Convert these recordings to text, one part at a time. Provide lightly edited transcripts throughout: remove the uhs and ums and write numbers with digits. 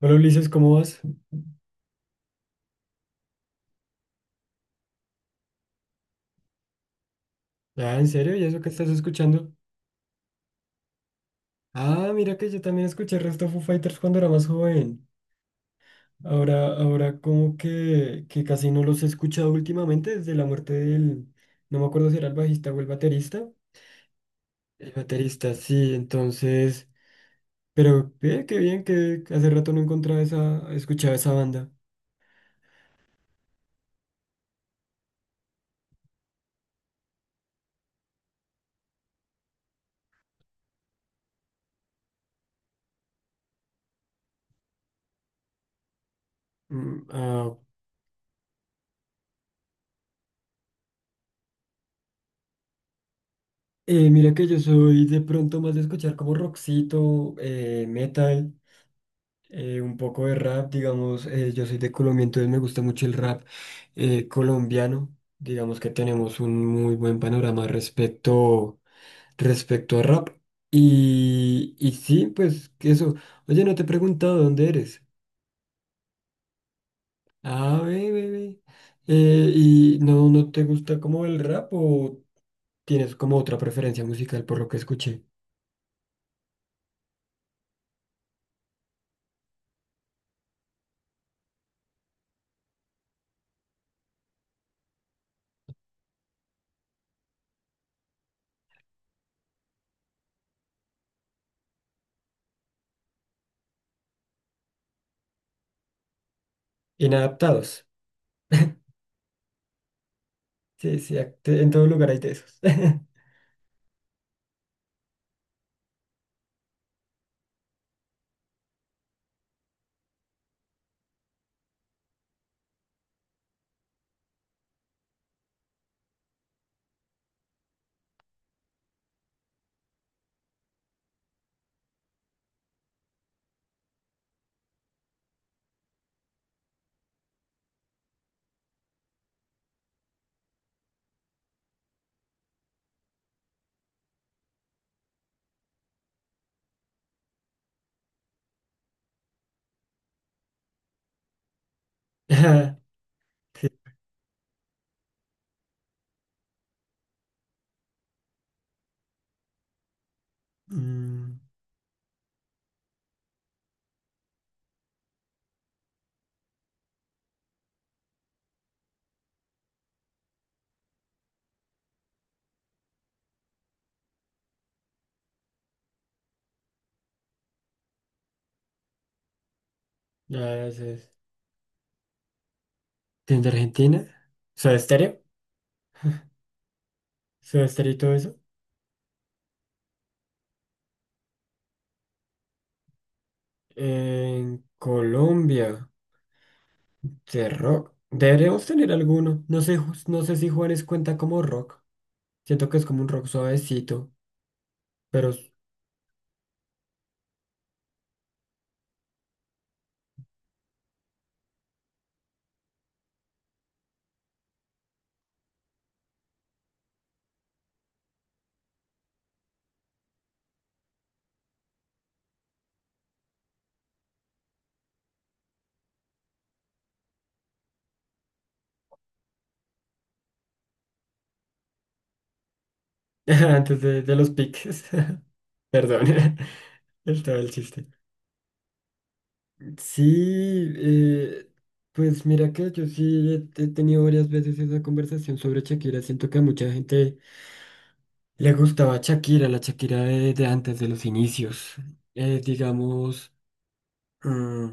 Hola Ulises, ¿cómo vas? Ah, ¿en serio? ¿Y eso que estás escuchando? Ah, mira que yo también escuché el resto de Foo Fighters cuando era más joven. Ahora como que casi no los he escuchado últimamente desde la muerte del... No me acuerdo si era el bajista o el baterista. El baterista, sí, entonces... Pero qué bien que hace rato no encontraba esa... escuchaba esa banda. Mm, ah, mira que yo soy de pronto más de escuchar como rockcito, metal. Un poco de rap, digamos, yo soy de Colombia, entonces me gusta mucho el rap colombiano. Digamos que tenemos un muy buen panorama respecto a rap. Y sí, pues que eso. Oye, no te he preguntado dónde eres. Ah, ve, ve, ve. ¿Y no te gusta como el rap o tienes como otra preferencia musical por lo que escuché? Inadaptados. Sí, sí, en todo lugar hay de esos. Ajá, sí. Mm, ya, desde Argentina, Soda Stereo, Soda Stereo y todo eso. En Colombia, de rock. Deberíamos tener alguno. No sé, no sé si Juanes cuenta como rock. Siento que es como un rock suavecito, pero s- antes de los piques. Perdón, estaba el chiste. Sí, pues mira que yo sí he tenido varias veces esa conversación sobre Shakira. Siento que a mucha gente le gustaba Shakira, la Shakira de antes de los inicios. Digamos, mm,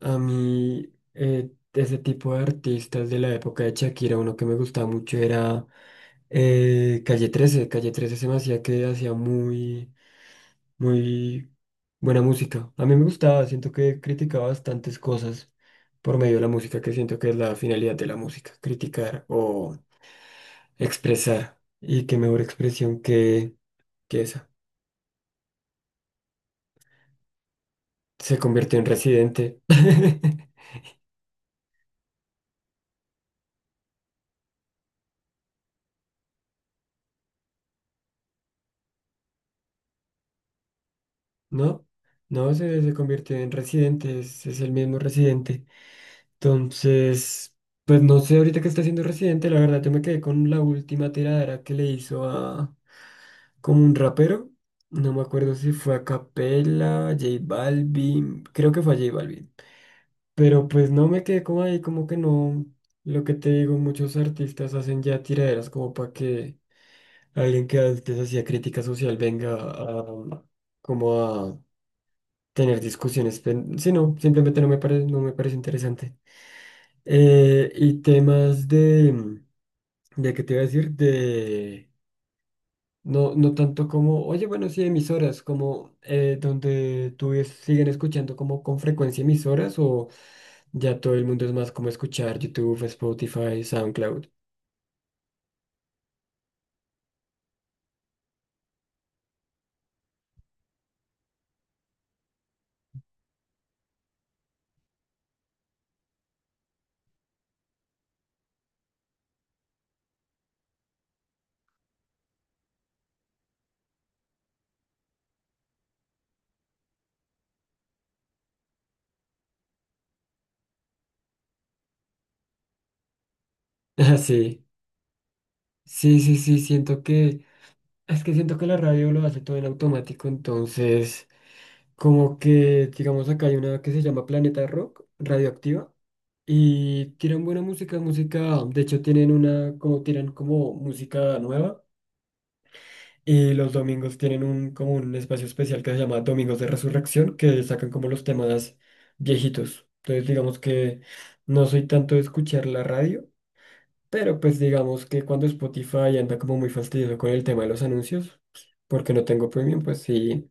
a mí, de ese tipo de artistas de la época de Shakira, uno que me gustaba mucho era Calle trece. Calle trece se me hacía que hacía muy, muy buena música. A mí me gustaba, siento que criticaba bastantes cosas por medio de la música, que siento que es la finalidad de la música, criticar o expresar. Y qué mejor expresión que esa. Se convirtió en residente. ¿No? No, se convirtió en residente, es el mismo residente. Entonces, pues no sé ahorita qué está haciendo residente, la verdad yo me quedé con la última tiradera que le hizo a como un rapero. No me acuerdo si fue a Capela, J Balvin, creo que fue a J Balvin. Pero pues no me quedé como ahí, como que no. Lo que te digo, muchos artistas hacen ya tiraderas como para que alguien que antes hacía crítica social venga a, como a tener discusiones. Sí, no, simplemente no me parece, no me parece interesante. Y temas de qué te iba a decir, de no, no tanto como, oye, bueno, sí, emisoras, como donde tú siguen escuchando como con frecuencia emisoras o ya todo el mundo es más como escuchar YouTube, Spotify, SoundCloud. Ah, sí, sí, siento que es que siento que la radio lo hace todo en automático, entonces como que, digamos, acá hay una que se llama Planeta Rock, Radioactiva, y tiran buena música, música, de hecho tienen una, como tiran como música nueva, y los domingos tienen un, como un espacio especial que se llama Domingos de Resurrección, que sacan como los temas viejitos. Entonces digamos que no soy tanto de escuchar la radio, pero pues digamos que cuando Spotify anda como muy fastidioso con el tema de los anuncios, porque no tengo premium, pues sí,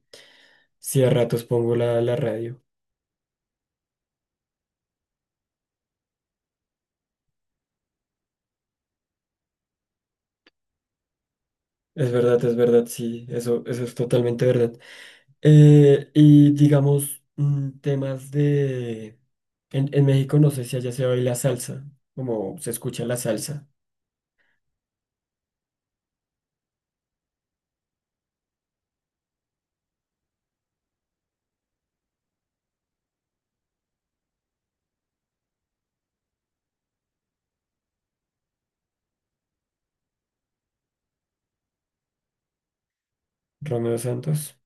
sí a ratos pongo la radio. Es verdad, sí, eso es totalmente verdad. Y digamos, mm, temas de... En México no sé si allá se baila salsa, como se escucha la salsa. Romeo Santos.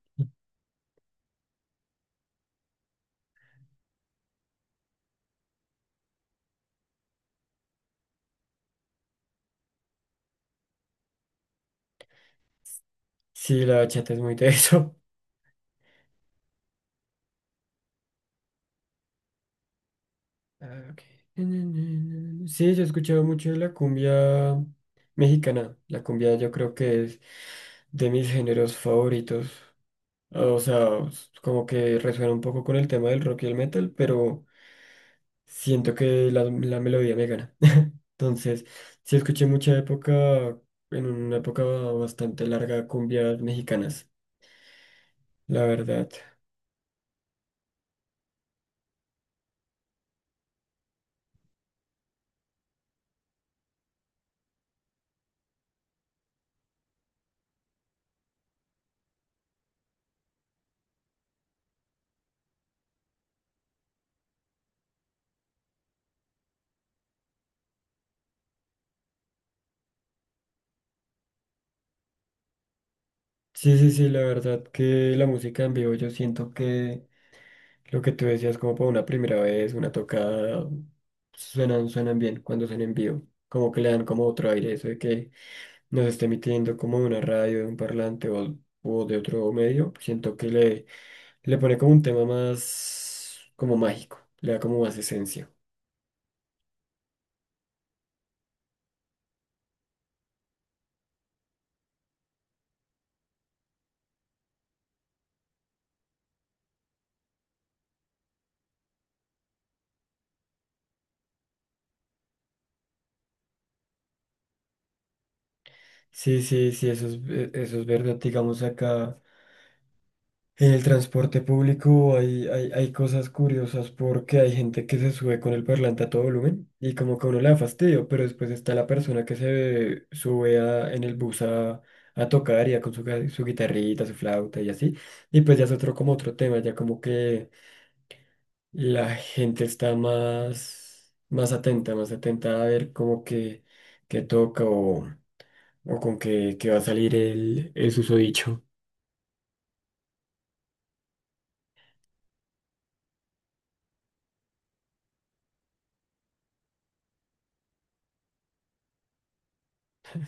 Sí, la bachata es muy de eso. Ah, ok. Sí, yo he escuchado mucho de la cumbia mexicana. La cumbia yo creo que es de mis géneros favoritos. O sea, como que resuena un poco con el tema del rock y el metal, pero siento que la melodía me gana. Entonces, sí escuché mucha época, en una época bastante larga, cumbias mexicanas, la verdad. Sí, sí, sí, la verdad que la música en vivo yo siento que lo que tú decías como para una primera vez, una tocada, suenan, suenan bien cuando son en vivo. Como que le dan como otro aire, eso de que nos esté emitiendo como de una radio, de un parlante o de otro medio. Siento que le pone como un tema más como mágico, le da como más esencia. Sí, sí, sí, eso es verdad, digamos acá. En el transporte público hay cosas curiosas porque hay gente que se sube con el parlante a todo volumen y como que a uno le da fastidio, pero después está la persona que se sube en el bus a tocar ya con su, su guitarrita, su flauta y así. Y pues ya es otro como otro tema, ya como que la gente está más, más atenta a ver como que toca o con que va a salir el susodicho.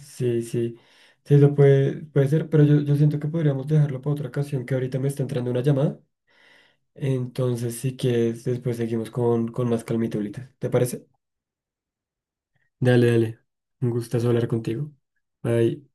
Sí, sí, sí, lo puede, puede ser, pero yo siento que podríamos dejarlo para otra ocasión, que ahorita me está entrando una llamada. Entonces, si quieres, después seguimos con más calmita ahorita. ¿Te parece? Dale, dale. Un gustazo hablar contigo. Bye.